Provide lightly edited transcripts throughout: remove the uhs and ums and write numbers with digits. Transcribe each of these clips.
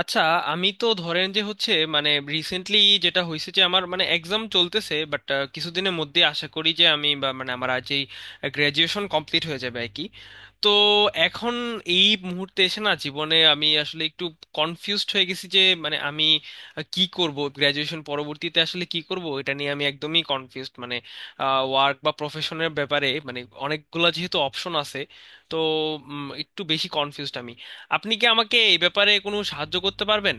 আচ্ছা, আমি তো ধরেন যে হচ্ছে মানে রিসেন্টলি যেটা হয়েছে যে আমার মানে এক্সাম চলতেছে, বাট কিছুদিনের মধ্যে আশা করি যে আমি বা মানে আমার আজ এই গ্র্যাজুয়েশন কমপ্লিট হয়ে যাবে আর কি। তো এখন এই মুহূর্তে এসে না জীবনে আমি আসলে একটু কনফিউজড হয়ে গেছি যে মানে আমি কি করব, গ্র্যাজুয়েশন পরবর্তীতে আসলে কি করব এটা নিয়ে আমি একদমই কনফিউজড। মানে ওয়ার্ক বা প্রফেশনের ব্যাপারে মানে অনেকগুলা যেহেতু অপশন আছে তো একটু বেশি কনফিউজড আমি। আপনি কি আমাকে এই ব্যাপারে কোনো সাহায্য করতে পারবেন?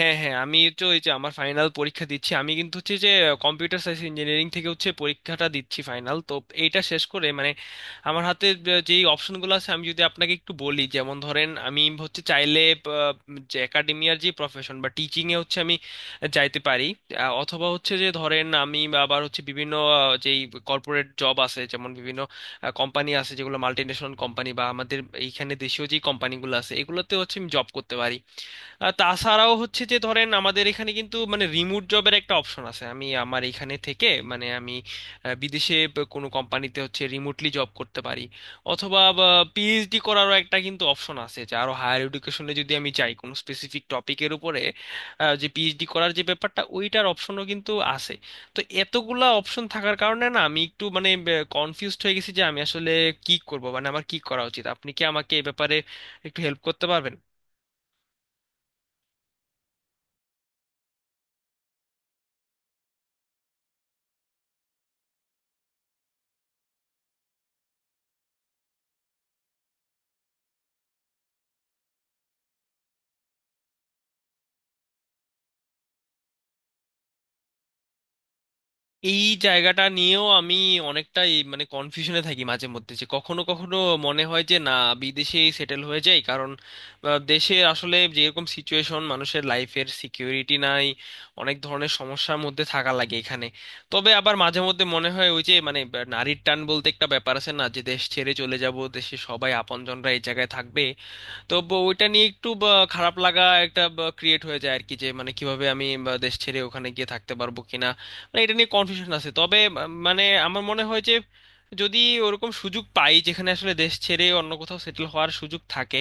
হ্যাঁ হ্যাঁ আমি তো এই যে আমার ফাইনাল পরীক্ষা দিচ্ছি, আমি কিন্তু হচ্ছে যে কম্পিউটার সায়েন্স ইঞ্জিনিয়ারিং থেকে হচ্ছে পরীক্ষাটা দিচ্ছি ফাইনাল। তো এইটা শেষ করে মানে আমার হাতে যে অপশনগুলো আছে আমি যদি আপনাকে একটু বলি, যেমন ধরেন আমি হচ্ছে চাইলে আহ, যে একাডেমিয়ার যে প্রফেশন বা টিচিং এ হচ্ছে আমি যাইতে পারি। অথবা হচ্ছে যে ধরেন আমি আবার হচ্ছে বিভিন্ন যেই কর্পোরেট জব আছে, যেমন বিভিন্ন কোম্পানি আছে যেগুলো মাল্টিনেশনাল কোম্পানি বা আমাদের এইখানে দেশীয় যে কোম্পানিগুলো আছে এগুলোতে হচ্ছে আমি জব করতে পারি। তাছাড়াও হচ্ছে যে ধরেন আমাদের এখানে কিন্তু মানে রিমোট জবের একটা অপশন আছে, আমি আমার এখানে থেকে মানে আমি বিদেশে কোনো কোম্পানিতে হচ্ছে রিমোটলি জব করতে পারি। অথবা পিএইচডি করারও একটা কিন্তু অপশন আছে যে আরো হায়ার এডুকেশনে যদি আমি চাই কোনো স্পেসিফিক টপিকের উপরে যে পিএইচডি করার যে ব্যাপারটা, ওইটার অপশনও কিন্তু আছে। তো এতগুলা অপশন থাকার কারণে না আমি একটু মানে কনফিউজড হয়ে গেছি যে আমি আসলে কি করব, মানে আমার কি করা উচিত। আপনি কি আমাকে এই ব্যাপারে একটু হেল্প করতে পারবেন? এই জায়গাটা নিয়েও আমি অনেকটাই মানে কনফিউশনে থাকি মাঝে মধ্যে যে কখনো কখনো মনে হয় যে না, বিদেশেই সেটেল হয়ে যাই কারণ দেশে আসলে যেরকম সিচুয়েশন, মানুষের লাইফের সিকিউরিটি নাই, অনেক ধরনের সমস্যার মধ্যে থাকা লাগে এখানে। তবে আবার মাঝে মধ্যে মনে হয় ওই যে মানে নারীর টান বলতে একটা ব্যাপার আছে না, যে দেশ ছেড়ে চলে যাব, দেশে সবাই আপনজনরা এই জায়গায় থাকবে। তো ওইটা নিয়ে একটু খারাপ লাগা একটা ক্রিয়েট হয়ে যায় আর কি, যে মানে কিভাবে আমি দেশ ছেড়ে ওখানে গিয়ে থাকতে পারবো কিনা, মানে এটা নিয়ে কনফিউশন আছে। তবে মানে আমার মনে হয় যে যদি ওরকম সুযোগ পাই যেখানে আসলে দেশ ছেড়ে অন্য কোথাও সেটেল হওয়ার সুযোগ থাকে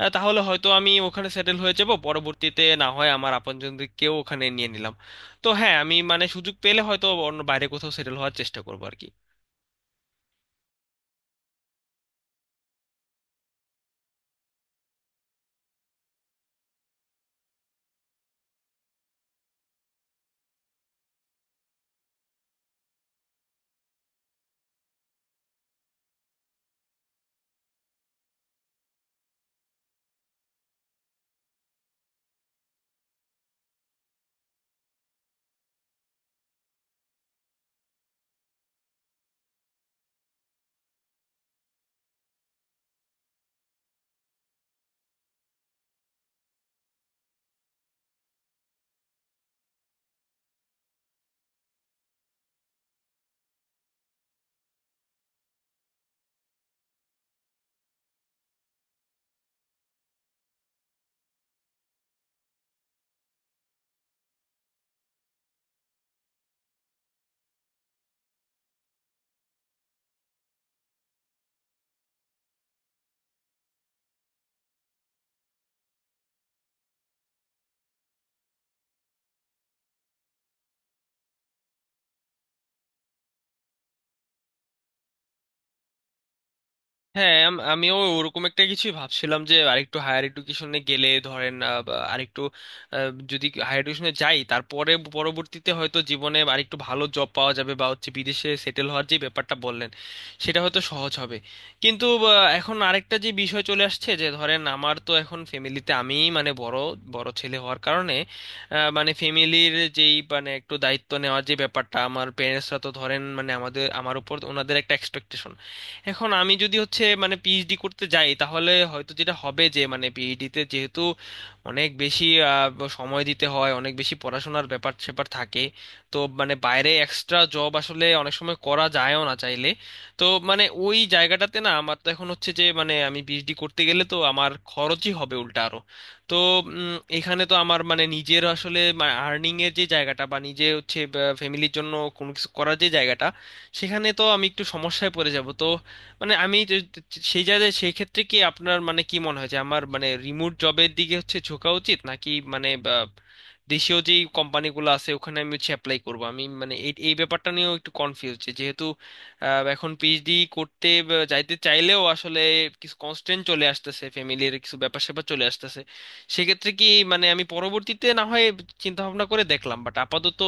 তাহলে হয়তো আমি ওখানে সেটেল হয়ে যাব, পরবর্তীতে না হয় আমার আপনজনদেরকেও ওখানে নিয়ে নিলাম। তো হ্যাঁ, আমি মানে সুযোগ পেলে হয়তো অন্য বাইরে কোথাও সেটেল হওয়ার চেষ্টা করবো আর কি। হ্যাঁ, আমিও ওরকম একটা কিছুই ভাবছিলাম যে আরেকটু হায়ার এডুকেশনে গেলে ধরেন বা আরেকটু যদি হায়ার এডুকেশনে যাই তারপরে পরবর্তীতে হয়তো জীবনে আরেকটু ভালো জব পাওয়া যাবে, বা হচ্ছে বিদেশে সেটেল হওয়ার যে ব্যাপারটা বললেন সেটা হয়তো সহজ হবে। কিন্তু এখন আরেকটা যে বিষয় চলে আসছে যে ধরেন আমার তো এখন ফ্যামিলিতে আমিই মানে বড় বড় ছেলে হওয়ার কারণে মানে ফ্যামিলির যেই মানে একটু দায়িত্ব নেওয়ার যে ব্যাপারটা, আমার প্যারেন্টসরা তো ধরেন মানে আমাদের আমার উপর ওনাদের একটা এক্সপেকটেশন। এখন আমি যদি হচ্ছে মানে পিএইচডি করতে যাই তাহলে হয়তো যেটা হবে যে মানে পিএইচডিতে যেহেতু অনেক বেশি সময় দিতে হয়, অনেক বেশি পড়াশোনার ব্যাপার স্যাপার থাকে, তো মানে বাইরে এক্সট্রা জব আসলে অনেক সময় করা যায়ও না চাইলে। তো মানে ওই জায়গাটাতে না আমার তো এখন হচ্ছে যে মানে আমি পিএইচডি করতে গেলে তো আমার খরচই হবে উল্টা আরো। তো এখানে তো আমার মানে নিজের আসলে আর্নিং এর যে জায়গাটা বা নিজে হচ্ছে ফ্যামিলির জন্য কোনো কিছু করার যে জায়গাটা সেখানে তো আমি একটু সমস্যায় পড়ে যাব। তো মানে সেই জায়গায় সেই ক্ষেত্রে কি আপনার মানে কি মনে হয় যে আমার মানে রিমোট জবের দিকে হচ্ছে ঝোঁকা উচিত, নাকি মানে দেশীয় যেই কোম্পানিগুলো আছে ওখানে আমি হচ্ছে অ্যাপ্লাই করব, আমি মানে এই এই ব্যাপারটা নিয়েও একটু কনফিউজ যেহেতু এখন পিএইচডি করতে বা যাইতে চাইলেও আসলে কিছু কনস্ট্রেন্ট চলে আসতেছে, ফ্যামিলির কিছু ব্যাপার স্যাপার চলে আসতেছে। সেক্ষেত্রে কি মানে আমি পরবর্তীতে না হয় চিন্তা ভাবনা করে দেখলাম, বাট আপাতত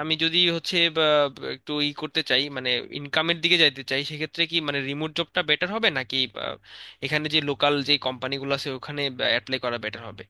আমি যদি হচ্ছে বা, বা, একটু ই করতে চাই মানে ইনকামের দিকে যাইতে চাই, সেক্ষেত্রে কি মানে রিমোট জবটা বেটার হবে নাকি এখানে যে লোকাল যে কোম্পানিগুলো আছে ওখানে অ্যাপ্লাই করা বেটার হবে?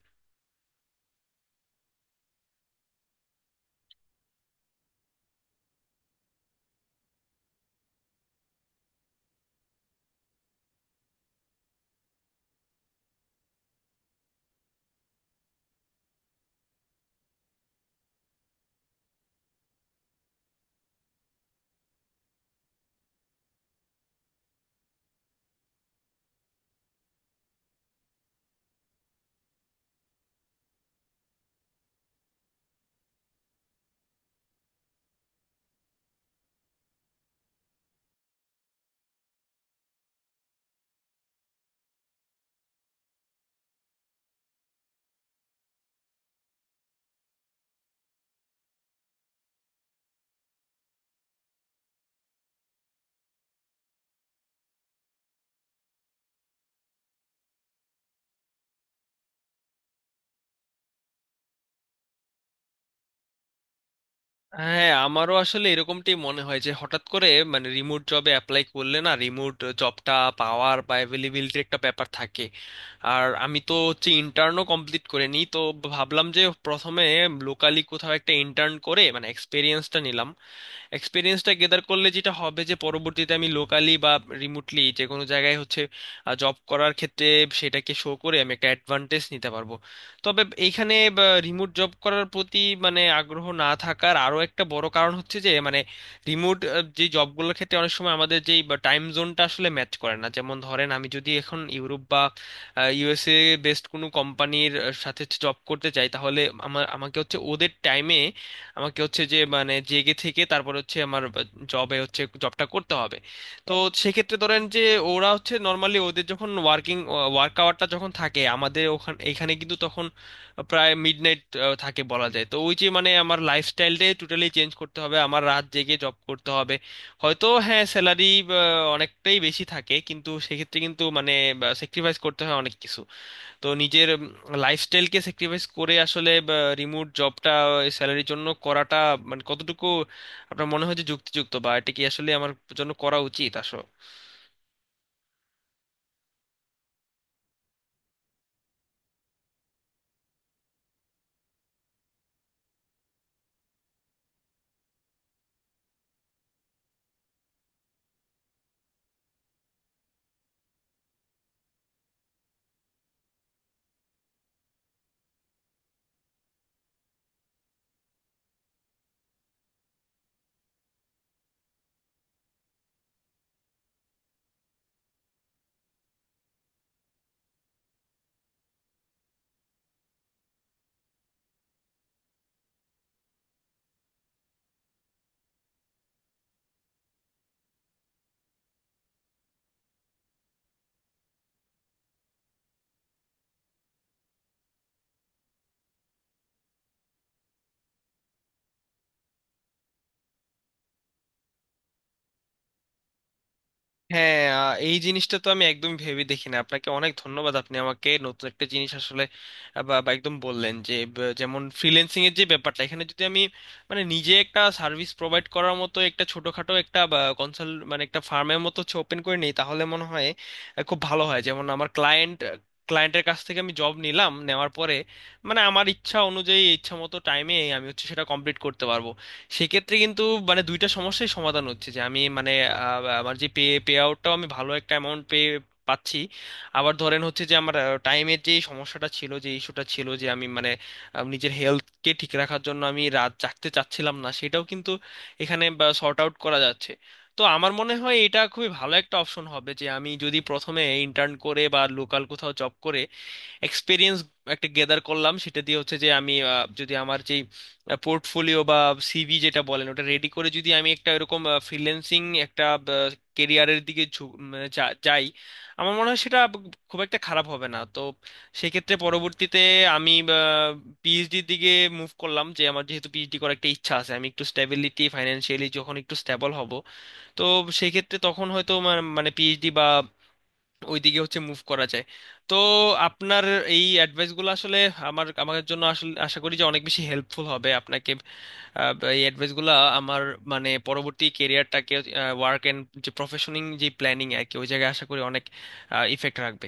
হ্যাঁ, আমারও আসলে এরকমটাই মনে হয় যে হঠাৎ করে মানে রিমোট জবে অ্যাপ্লাই করলে না রিমোট জবটা পাওয়ার বা অ্যাভেলেবিলিটির একটা ব্যাপার থাকে। আর আমি তো হচ্ছে ইন্টার্নও কমপ্লিট করে নিই, তো ভাবলাম যে প্রথমে লোকালি কোথাও একটা ইন্টার্ন করে মানে এক্সপিরিয়েন্সটা নিলাম, এক্সপিরিয়েন্সটা গেদার করলে যেটা হবে যে পরবর্তীতে আমি লোকালি বা রিমোটলি যে কোনো জায়গায় হচ্ছে জব করার ক্ষেত্রে সেটাকে শো করে আমি একটা অ্যাডভান্টেজ নিতে পারবো। তবে এইখানে রিমোট জব করার প্রতি মানে আগ্রহ না থাকার আরো একটা বড় কারণ হচ্ছে যে মানে রিমোট যে জবগুলোর ক্ষেত্রে অনেক সময় আমাদের যেই টাইম জোনটা আসলে ম্যাচ করে না। যেমন ধরেন আমি যদি এখন ইউরোপ বা ইউএসএ বেসড কোনো কোম্পানির সাথে জব করতে চাই তাহলে আমাকে হচ্ছে ওদের টাইমে আমাকে হচ্ছে যে মানে জেগে থেকে তারপরে হচ্ছে আমার জবে হচ্ছে জবটা করতে হবে। তো সেক্ষেত্রে ধরেন যে ওরা হচ্ছে নর্মালি ওদের যখন ওয়ার্ক আওয়ারটা যখন থাকে আমাদের এখানে কিন্তু তখন প্রায় মিডনাইট থাকে বলা যায়। তো ওই যে মানে আমার লাইফস্টাইলটাই টোটালি চেঞ্জ করতে হবে, আমার রাত জেগে জব করতে হবে। হয়তো হ্যাঁ, স্যালারি অনেকটাই বেশি থাকে কিন্তু সেক্ষেত্রে কিন্তু মানে স্যাক্রিফাইস করতে হয় অনেক কিছু। তো নিজের লাইফস্টাইলকে স্যাক্রিফাইস করে আসলে রিমোট জবটা স্যালারির জন্য করাটা মানে কতটুকু আপনার মনে হয় যে যুক্তিযুক্ত, বা এটা কি আসলে আমার জন্য করা উচিত আসলে? হ্যাঁ, এই জিনিসটা তো আমি একদম ভেবে দেখিনি, আপনাকে অনেক ধন্যবাদ। আপনি আমাকে নতুন একটা জিনিস আসলে আহ, বা বা একদম বললেন যে যেমন ফ্রিল্যান্সিং এর যে ব্যাপারটা, এখানে যদি আমি মানে নিজে একটা সার্ভিস প্রোভাইড করার মতো একটা ছোটখাটো একটা কনসাল মানে একটা ফার্মের মতো হচ্ছে ওপেন করে নিই তাহলে মনে হয় খুব ভালো হয়। যেমন আমার ক্লায়েন্টের কাছ থেকে আমি জব নিলাম, নেওয়ার পরে মানে আমার ইচ্ছা অনুযায়ী ইচ্ছা মতো টাইমে আমি হচ্ছে সেটা কমপ্লিট করতে পারবো। সেক্ষেত্রে কিন্তু মানে দুইটা সমস্যাই সমাধান হচ্ছে যে আমি মানে আমার যে পে পে আউটটাও আমি ভালো একটা অ্যামাউন্ট পে পাচ্ছি। আবার ধরেন হচ্ছে যে আমার টাইমের যে সমস্যাটা ছিল, যে ইস্যুটা ছিল যে আমি মানে নিজের হেলথকে ঠিক রাখার জন্য আমি রাত জাগতে চাচ্ছিলাম না, সেটাও কিন্তু এখানে সর্ট আউট করা যাচ্ছে। তো আমার মনে হয় এটা খুবই ভালো একটা অপশন হবে যে আমি যদি প্রথমে ইন্টার্ন করে বা লোকাল কোথাও জব করে এক্সপিরিয়েন্স একটা গেদার করলাম, সেটা দিয়ে হচ্ছে যে আমি যদি আমার যেই পোর্টফোলিও বা সিভি যেটা বলেন ওটা রেডি করে যদি আমি একটা এরকম ফ্রিল্যান্সিং একটা কেরিয়ারের দিকে যাই, আমার মনে হয় সেটা খুব একটা খারাপ হবে না। তো সেক্ষেত্রে পরবর্তীতে আমি পিএইচডির দিকে মুভ করলাম, যে আমার যেহেতু পিএইচডি করার একটা ইচ্ছা আছে, আমি একটু স্টেবিলিটি ফাইন্যান্সিয়ালি যখন একটু স্টেবল হব তো সেক্ষেত্রে তখন হয়তো মানে পিএইচডি বা ওইদিকে হচ্ছে মুভ করা যায়। তো আপনার এই অ্যাডভাইসগুলো আসলে আমার আমার জন্য আসলে আশা করি যে অনেক বেশি হেল্পফুল হবে। আপনাকে এই অ্যাডভাইসগুলো আমার মানে পরবর্তী কেরিয়ারটাকে ওয়ার্ক এন্ড যে প্রফেশনিং যে প্ল্যানিং আর কি ওই জায়গায় আশা করি অনেক ইফেক্ট রাখবে।